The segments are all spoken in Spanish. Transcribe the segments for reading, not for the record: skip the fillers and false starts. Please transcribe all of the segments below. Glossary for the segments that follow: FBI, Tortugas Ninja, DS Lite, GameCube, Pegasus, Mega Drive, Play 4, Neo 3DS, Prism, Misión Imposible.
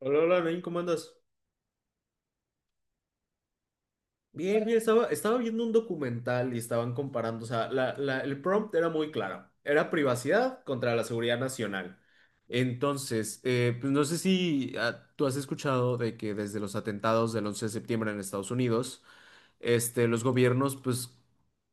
Hola, hola, Nain, ¿cómo andas? Bien, bien, estaba viendo un documental y estaban comparando, o sea, el prompt era muy claro, era privacidad contra la seguridad nacional. Entonces, pues no sé si tú has escuchado de que desde los atentados del 11 de septiembre en Estados Unidos, este, los gobiernos pues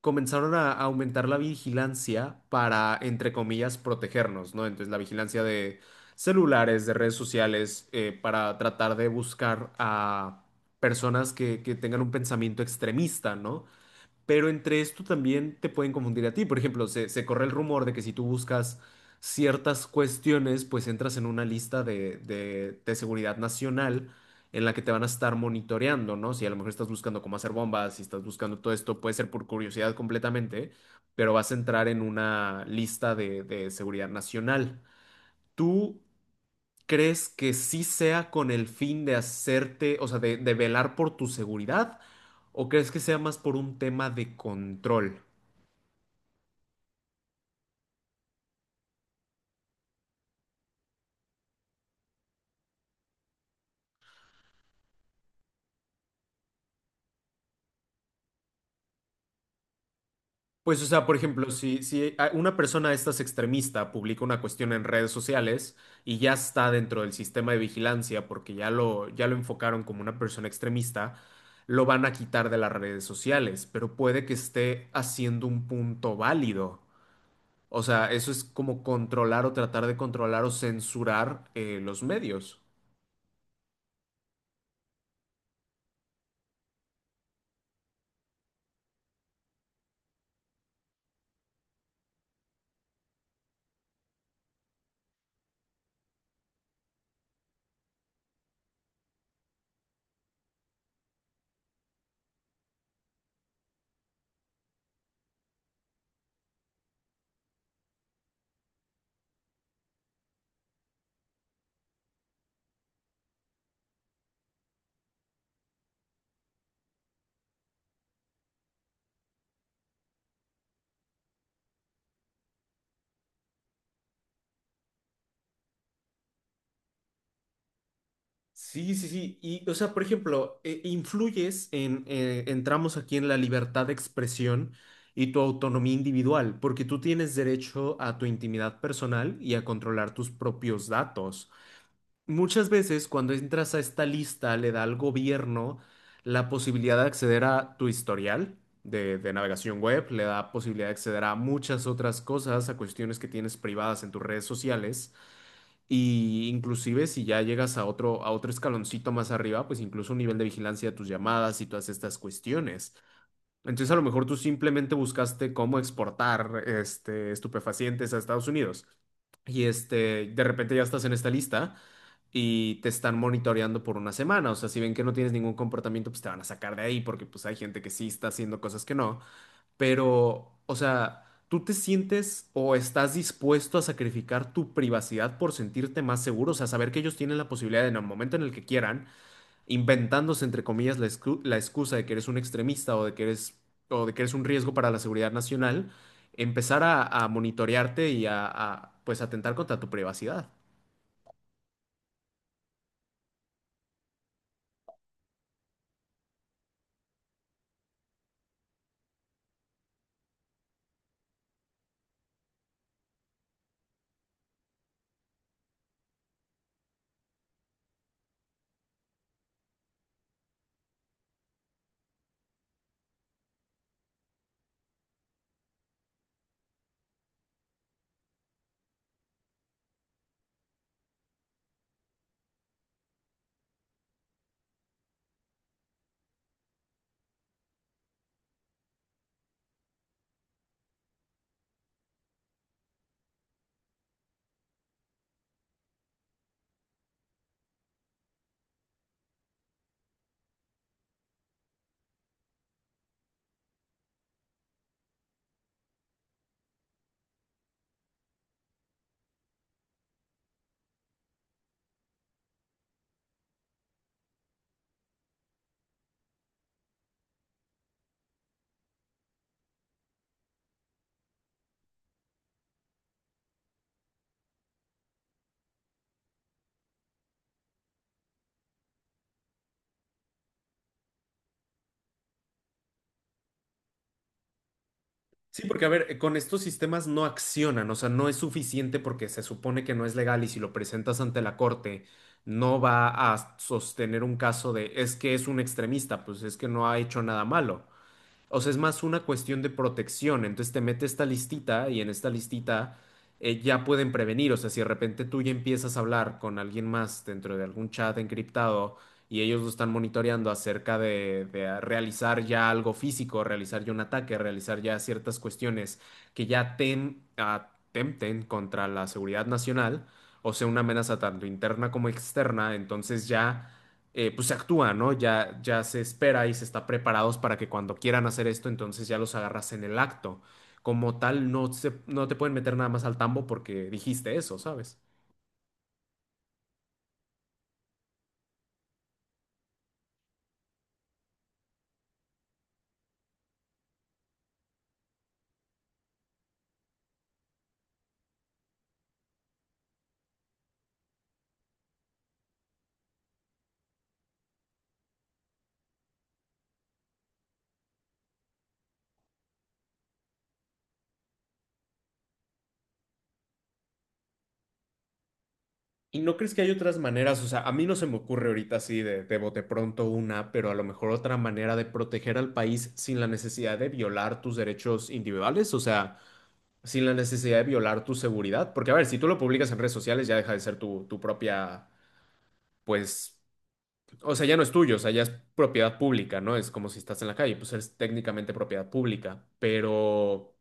comenzaron a aumentar la vigilancia para, entre comillas, protegernos, ¿no? Entonces, la vigilancia de celulares, de redes sociales, para tratar de buscar a personas que tengan un pensamiento extremista, ¿no? Pero entre esto también te pueden confundir a ti. Por ejemplo, se corre el rumor de que si tú buscas ciertas cuestiones, pues entras en una lista de seguridad nacional en la que te van a estar monitoreando, ¿no? Si a lo mejor estás buscando cómo hacer bombas, si estás buscando todo esto, puede ser por curiosidad completamente, pero vas a entrar en una lista de seguridad nacional. ¿Tú crees que sí sea con el fin de hacerte, o sea, de velar por tu seguridad? ¿O crees que sea más por un tema de control? Pues, o sea, por ejemplo, si, una persona de estas extremista publica una cuestión en redes sociales y ya está dentro del sistema de vigilancia porque ya lo enfocaron como una persona extremista, lo van a quitar de las redes sociales, pero puede que esté haciendo un punto válido. O sea, eso es como controlar o tratar de controlar o censurar los medios. Sí, sí, sí. Y, o sea, por ejemplo, influyes en, entramos aquí en la libertad de expresión y tu autonomía individual, porque tú tienes derecho a tu intimidad personal y a controlar tus propios datos. Muchas veces cuando entras a esta lista le da al gobierno la posibilidad de acceder a tu historial de navegación web, le da posibilidad de acceder a muchas otras cosas, a cuestiones que tienes privadas en tus redes sociales. Y inclusive si ya llegas a otro escaloncito más arriba, pues incluso un nivel de vigilancia de tus llamadas y todas estas cuestiones. Entonces a lo mejor tú simplemente buscaste cómo exportar este, estupefacientes a Estados Unidos. Y este, de repente ya estás en esta lista y te están monitoreando por una semana. O sea, si ven que no tienes ningún comportamiento, pues te van a sacar de ahí porque pues hay gente que sí está haciendo cosas que no. Pero, o sea, ¿tú te sientes o estás dispuesto a sacrificar tu privacidad por sentirte más seguro? O sea, saber que ellos tienen la posibilidad de, en el momento en el que quieran, inventándose, entre comillas, la excusa de que eres un extremista o de que o de que eres un riesgo para la seguridad nacional, empezar a monitorearte y pues, atentar contra tu privacidad. Sí, porque a ver, con estos sistemas no accionan, o sea, no es suficiente porque se supone que no es legal y si lo presentas ante la corte no va a sostener un caso de es que es un extremista, pues es que no ha hecho nada malo. O sea, es más una cuestión de protección. Entonces te mete esta listita y en esta listita ya pueden prevenir. O sea, si de repente tú ya empiezas a hablar con alguien más dentro de algún chat encriptado y ellos lo están monitoreando acerca de realizar ya algo físico, realizar ya un ataque, realizar ya ciertas cuestiones que ya atempten contra la seguridad nacional, o sea, una amenaza tanto interna como externa, entonces ya pues se actúa, ¿no? Ya, ya se espera y se está preparados para que cuando quieran hacer esto, entonces ya los agarras en el acto. Como tal, no, no te pueden meter nada más al tambo porque dijiste eso, ¿sabes? ¿Y no crees que hay otras maneras? O sea, a mí no se me ocurre ahorita así de bote pronto una, pero a lo mejor otra manera de proteger al país sin la necesidad de violar tus derechos individuales, o sea, sin la necesidad de violar tu seguridad. Porque, a ver, si tú lo publicas en redes sociales ya deja de ser tu, tu propia, pues. O sea, ya no es tuyo, o sea, ya es propiedad pública, ¿no? Es como si estás en la calle, pues eres técnicamente propiedad pública, pero,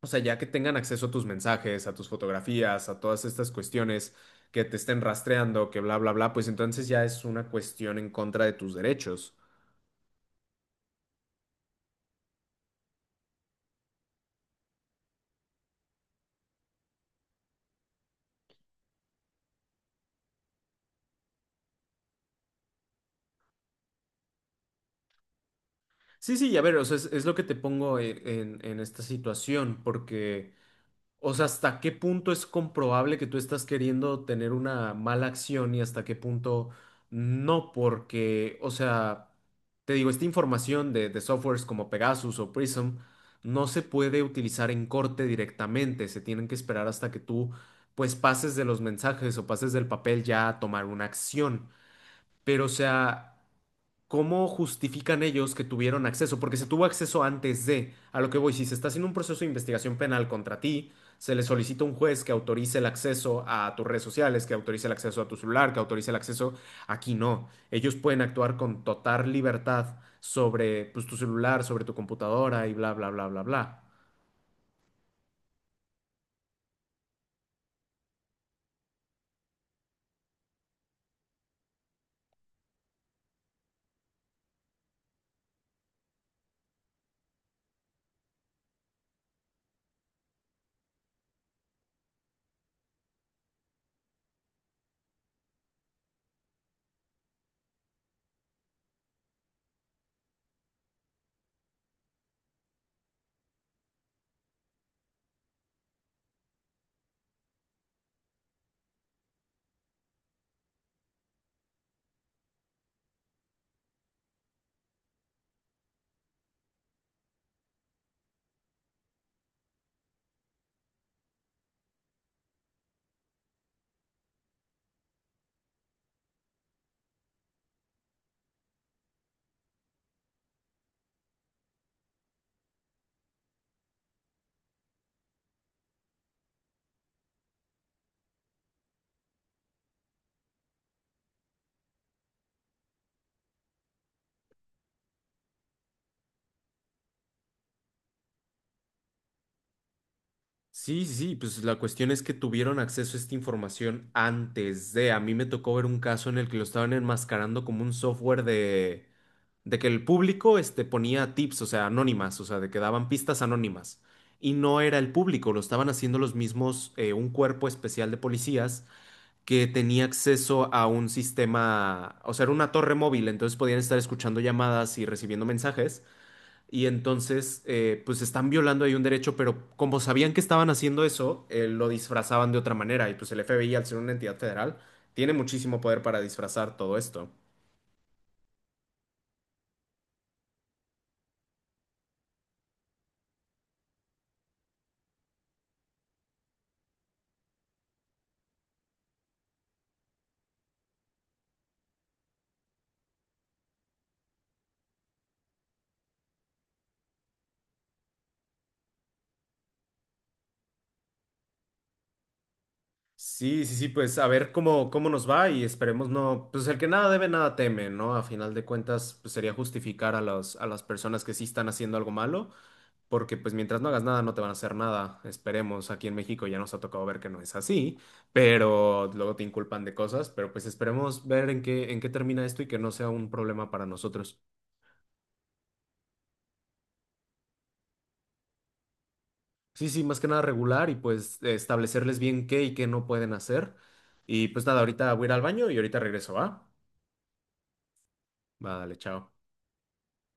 o sea, ya que tengan acceso a tus mensajes, a tus fotografías, a todas estas cuestiones que te estén rastreando, que bla, bla, bla, pues entonces ya es una cuestión en contra de tus derechos. Sí, sí, y a ver, o sea, es lo que te pongo en, en esta situación, porque... O sea, ¿hasta qué punto es comprobable que tú estás queriendo tener una mala acción y hasta qué punto no? Porque, o sea, te digo, esta información de softwares como Pegasus o Prism no se puede utilizar en corte directamente, se tienen que esperar hasta que tú pues pases de los mensajes o pases del papel ya a tomar una acción. Pero, o sea... ¿Cómo justifican ellos que tuvieron acceso? Porque se tuvo acceso antes de, a lo que voy, si se está haciendo un proceso de investigación penal contra ti, se le solicita a un juez que autorice el acceso a tus redes sociales, que autorice el acceso a tu celular, que autorice el acceso. Aquí no. Ellos pueden actuar con total libertad sobre, pues, tu celular, sobre tu computadora y bla, bla, bla, bla, bla. Sí, sí, sí, pues la cuestión es que tuvieron acceso a esta información antes de. A mí me tocó ver un caso en el que lo estaban enmascarando como un software de que el público este, ponía tips, o sea, anónimas, o sea, de que daban pistas anónimas. Y no era el público, lo estaban haciendo los mismos, un cuerpo especial de policías que tenía acceso a un sistema, o sea, era una torre móvil, entonces podían estar escuchando llamadas y recibiendo mensajes. Y entonces, pues están violando ahí un derecho, pero como sabían que estaban haciendo eso, lo disfrazaban de otra manera. Y pues el FBI, al ser una entidad federal, tiene muchísimo poder para disfrazar todo esto. Sí, sí, sí, pues a ver cómo, cómo nos va y esperemos no, pues el que nada debe, nada teme, ¿no? A final de cuentas, pues sería justificar a los, a las personas que sí están haciendo algo malo, porque pues mientras no hagas nada no te van a hacer nada, esperemos, aquí en México ya nos ha tocado ver que no es así, pero luego te inculpan de cosas, pero pues esperemos ver en qué termina esto y que no sea un problema para nosotros. Sí, sí, más que nada regular y pues establecerles bien qué y qué no pueden hacer. Y pues nada, ahorita voy a ir al baño y ahorita regreso, ¿va? Vale, chao.